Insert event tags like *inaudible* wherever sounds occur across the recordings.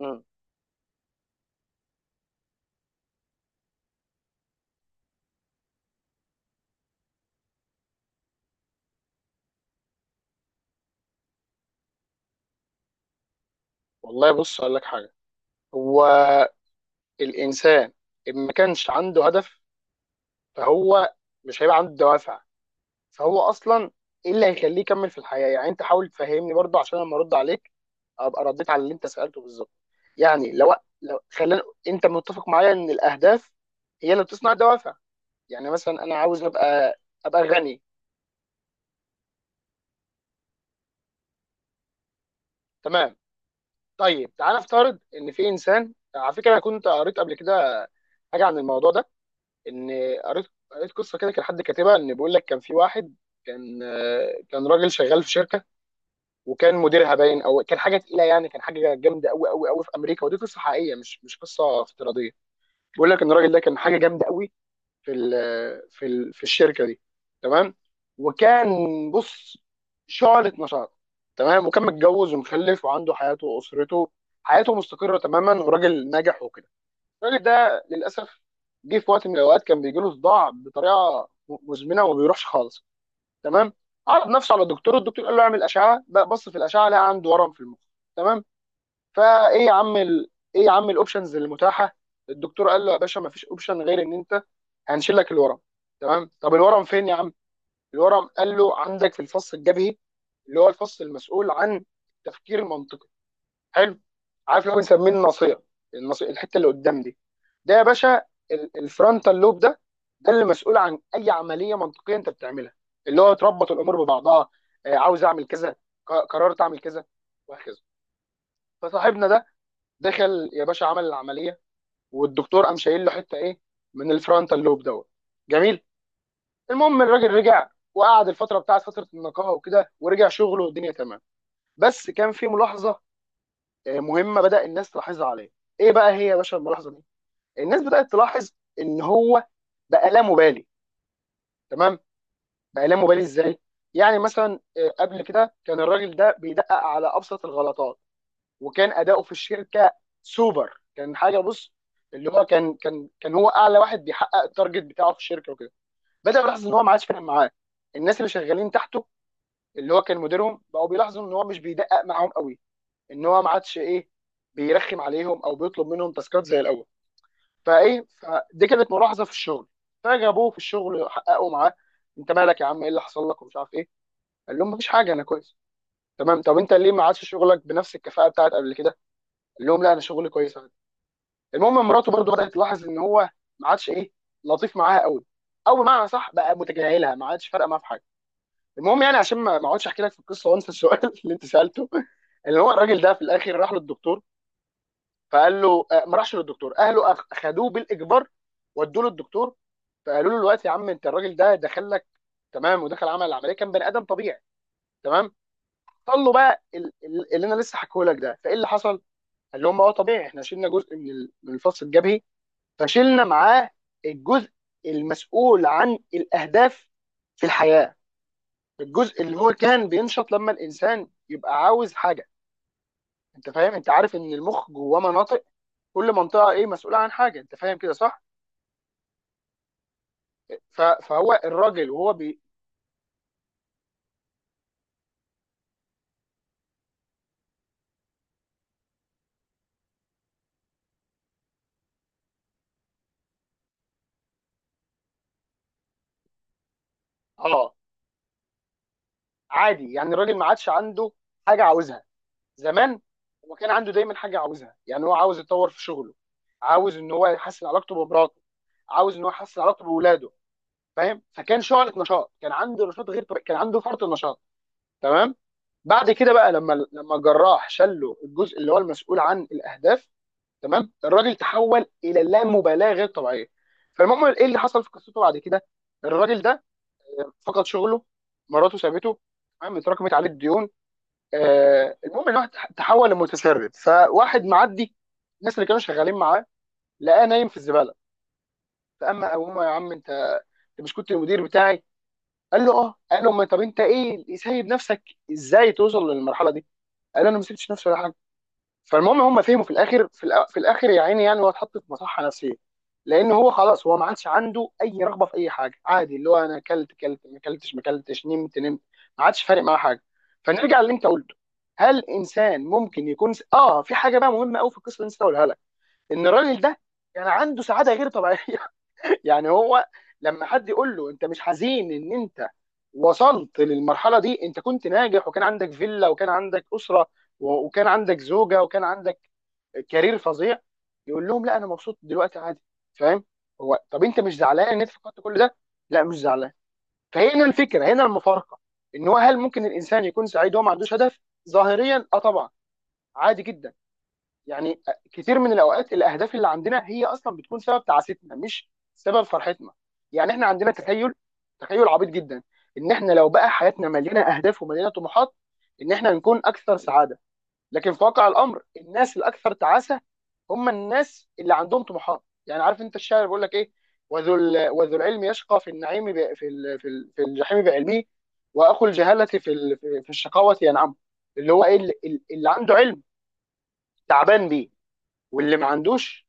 مم. والله، بص اقول لك حاجه. هو الانسان إن ما كانش عنده هدف، فهو مش هيبقى عنده دوافع. فهو اصلا ايه اللي هيخليه يكمل في الحياه؟ يعني انت حاول تفهمني برضه عشان لما ارد عليك ابقى رديت على اللي انت سالته بالظبط. يعني لو خلينا، انت متفق معايا ان الاهداف هي اللي بتصنع الدوافع. يعني مثلا انا عاوز ابقى غني، تمام. طيب تعال نفترض ان في انسان. على فكره انا كنت قريت قبل كده حاجه عن الموضوع ده، ان قريت قصه كده كان حد كاتبها، ان بيقول لك كان في واحد كان كان راجل شغال في شركه، وكان مديرها باين او كان حاجه تقيله يعني، كان حاجه جامده قوي قوي قوي في امريكا. ودي قصه حقيقيه مش قصه افتراضيه. بيقول لك ان الراجل ده كان حاجه جامده قوي في ال في ال في الشركه دي، تمام. وكان، بص، شعلة نشاط، تمام. وكان متجوز ومخلف وعنده حياته واسرته، حياته مستقره تماما، وراجل ناجح وكده. الراجل ده للاسف جه في وقت من الاوقات كان بيجي له صداع بطريقه مزمنه وما بيروحش خالص، تمام. عرض نفسه على الدكتور، الدكتور قال له اعمل اشعه. بقى بص في الاشعه لقى عنده ورم في المخ، تمام. فايه يا عم ايه يا عم الاوبشنز المتاحه؟ الدكتور قال له يا باشا ما فيش اوبشن غير ان انت هنشيل لك الورم، تمام. طب الورم فين يا عم؟ الورم قال له عندك في الفص الجبهي، اللي هو الفص المسؤول عن التفكير المنطقي. حلو. عارف اللي هو بنسميه الناصيه، الناصيه الحته اللي قدام دي. ده يا باشا الفرونتال لوب ده، ده اللي مسؤول عن اي عمليه منطقيه انت بتعملها، اللي هو تربط الامور ببعضها. آه، عاوز اعمل كذا، قررت اعمل كذا، وهكذا. فصاحبنا ده دخل يا باشا عمل العمليه، والدكتور قام شايل له حته ايه من الفرونتال لوب دوت. جميل. المهم الراجل رجع وقعد الفتره بتاعت فتره النقاهه وكده، ورجع شغله والدنيا تمام. بس كان في ملاحظه مهمه بدا الناس تلاحظها عليه. ايه بقى هي يا باشا الملاحظه دي؟ الناس بدات تلاحظ ان هو بقى لا مبالي، تمام. بقى لا مبالي ازاي؟ يعني مثلا قبل كده كان الراجل ده بيدقق على ابسط الغلطات، وكان اداؤه في الشركه سوبر، كان حاجه، بص، اللي هو كان هو اعلى واحد بيحقق التارجت بتاعه في الشركه وكده. بدا يلاحظ ان هو ما عادش فاهم معاه الناس اللي شغالين تحته، اللي هو كان مديرهم، بقوا بيلاحظوا ان هو مش بيدقق معاهم قوي، ان هو ما عادش ايه بيرخم عليهم او بيطلب منهم تاسكات زي الاول. فايه، فدي كانت ملاحظه في الشغل. فجابوه في الشغل حققوا معاه، انت مالك يا عم، ايه اللي حصل لك ومش عارف ايه؟ قال لهم مفيش حاجه، انا كويس. تمام، طب انت ليه ما عادش شغلك بنفس الكفاءه بتاعت قبل كده؟ قال لهم لا، انا شغلي كويس عادي. المهم مراته برضو بدات تلاحظ ان هو ما عادش ايه لطيف معاها قوي، او بمعنى صح بقى متجاهلها، ما عادش فارقه معاها في حاجه. المهم يعني عشان ما اقعدش احكي لك في القصه وانسى السؤال *laughs* اللي انت سالته، اللي هو الراجل ده في الاخر راح للدكتور. فقال له ما راحش للدكتور، اهله خدوه بالاجبار ودوه للدكتور. فقالوا له دلوقتي يا عم انت، الراجل ده دخل لك تمام، ودخل عمل العمليه كان بني ادم طبيعي، تمام. قال له بقى اللي انا لسه حكيه لك ده فايه اللي حصل؟ قال لهم هو طبيعي، احنا شلنا جزء من من الفص الجبهي، فشلنا معاه الجزء المسؤول عن الاهداف في الحياه، الجزء اللي هو كان بينشط لما الانسان يبقى عاوز حاجه. انت فاهم؟ انت عارف ان المخ جواه مناطق، كل منطقه ايه مسؤوله عن حاجه. انت فاهم كده صح؟ فهو الراجل وهو بي... اه، عادي، يعني الراجل ما عادش عنده حاجه عاوزها. زمان هو كان عنده دايما حاجه عاوزها، يعني هو عاوز يتطور في شغله، عاوز ان هو يحسن علاقته بمراته، عاوز ان هو يحسن علاقته باولاده. فاهم؟ فكان شعلة نشاط، كان عنده نشاط غير طبيعي، كان عنده فرط النشاط، تمام. بعد كده بقى لما الجراح شله الجزء اللي هو المسؤول عن الاهداف، تمام، الراجل تحول الى لا مبالاه غير طبيعيه. فالمهم ايه اللي حصل في قصته بعد كده؟ الراجل ده فقد شغله، مراته سابته، تمام، اتراكمت عليه الديون. آه، المهم الواحد تحول لمتسرب، فواحد معدي، الناس اللي كانوا شغالين معاه لقاه نايم في الزباله. فاما ابوه يا عم انت، انت مش كنت المدير بتاعي؟ قال له اه. قال له ما طب انت ايه سايب نفسك ازاي توصل للمرحله دي؟ قال له انا ما سبتش نفسي ولا حاجه. فالمهم هم فهموا في الاخر، في الاخر يا عيني، يعني هو اتحط في مصحه نفسيه، لان هو خلاص هو ما عادش عنده اي رغبه في اي حاجه، عادي. اللي هو انا اكلت اكلت، ما اكلتش ما اكلتش، نمت نمت، ما عادش فارق معاه حاجه. فنرجع للي انت قلته، هل انسان ممكن يكون اه، في حاجه بقى مهمه قوي في القصه اللي انت قولها لك، ان الراجل ده كان عنده سعاده غير طبيعيه *laughs* يعني هو لما حد يقول له انت مش حزين ان انت وصلت للمرحله دي، انت كنت ناجح وكان عندك فيلا وكان عندك اسره وكان عندك زوجه وكان عندك كارير فظيع، يقول لهم لا، انا مبسوط دلوقتي عادي. فاهم؟ هو طب انت مش زعلان ان انت فقدت كل ده؟ لا، مش زعلان. فهنا الفكره، هنا المفارقه، ان هو هل ممكن الانسان يكون سعيد وهو ما عندوش هدف؟ ظاهريا اه طبعا، عادي جدا. يعني كتير من الاوقات الاهداف اللي عندنا هي اصلا بتكون سبب تعاستنا، مش سبب فرحتنا. يعني احنا عندنا تخيل، عبيط جدا، ان احنا لو بقى حياتنا مليانه اهداف ومليانه طموحات ان احنا نكون اكثر سعاده. لكن في واقع الامر الناس الاكثر تعاسه هم الناس اللي عندهم طموحات. يعني عارف انت الشاعر بيقول لك ايه؟ وذو العلم يشقى في النعيم ب... في ال... في, ال... في الجحيم بعلمه، واخو الجهاله في في الشقاوه ينعم. اللي هو ايه اللي عنده علم تعبان بيه، واللي ما عندوش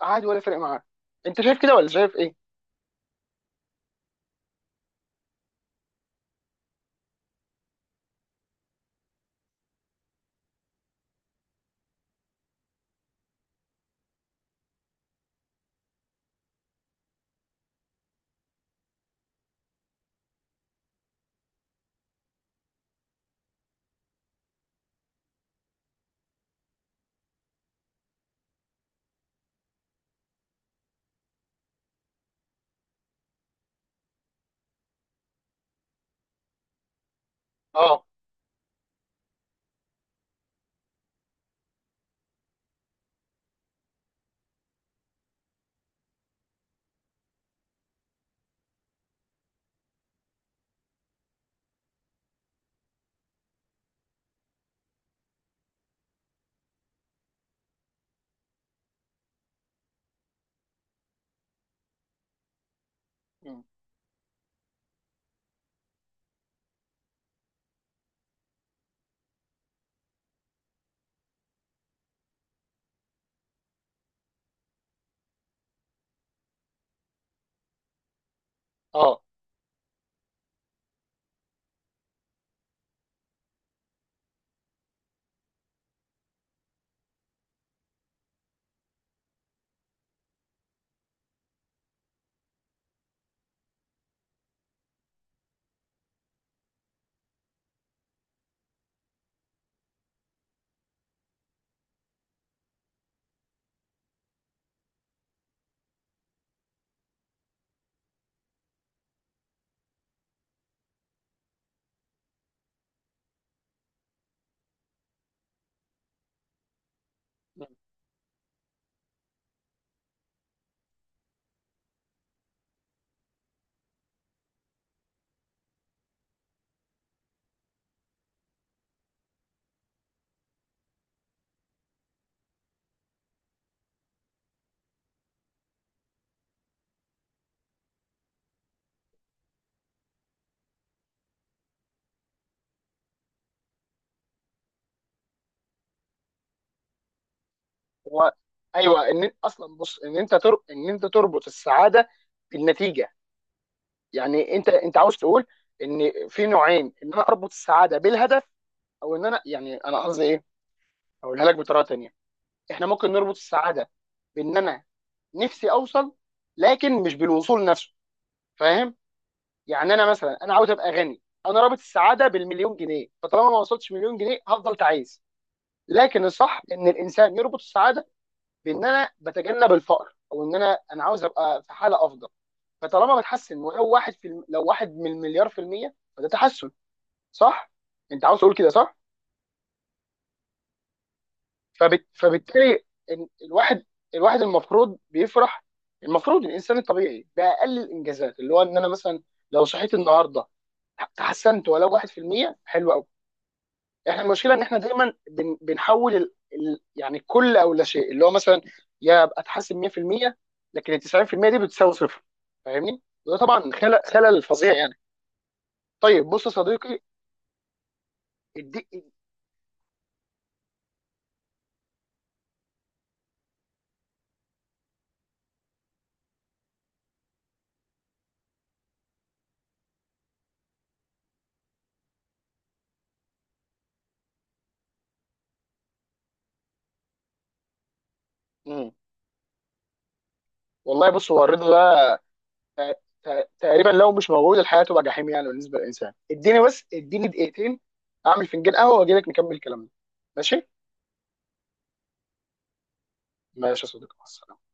عادي ولا فرق معاه. انت شايف كده ولا شايف ايه؟ اه. مم. اه. مم. هو ايوه، ان اصلا بص، ان انت ان انت تربط السعاده بالنتيجه. يعني انت عاوز تقول ان في نوعين، ان انا اربط السعاده بالهدف او ان انا، يعني انا قصدي ايه، اقولها لك بطريقه تانيه. احنا ممكن نربط السعاده بان انا نفسي اوصل، لكن مش بالوصول نفسه. فاهم؟ يعني انا مثلا انا عاوز ابقى غني، انا رابط السعاده بالمليون جنيه، فطالما ما وصلتش مليون جنيه هفضل تعيس. لكن الصح ان الانسان يربط السعاده بان انا بتجنب الفقر، او ان انا عاوز ابقى في حاله افضل. فطالما بتحسن، ولو واحد لو واحد من مليار في المية، فده تحسن، صح؟ انت عاوز تقول كده صح؟ فبالتالي الواحد، الواحد المفروض بيفرح. المفروض الانسان الطبيعي باقل الانجازات، اللي هو ان انا مثلا لو صحيت النهارده تحسنت ولو 1%، حلو قوي. احنا المشكله ان احنا دايما بنحول يعني كل او لا شيء، اللي هو مثلا يا ابقى اتحسن 100%، لكن ال 90% دي بتساوي صفر. فاهمني؟ وده طبعا خلل فظيع يعني. طيب بص يا صديقي، الدي... مم. والله بص، هو الرضا ده ت- تقريبا لو مش موجود الحياه تبقى جحيم يعني بالنسبه للانسان. اديني بس، اديني دقيقتين، اعمل فنجان قهوه واجي لك نكمل كلامنا. ماشي. ماشي يا صديقي، مع السلامه.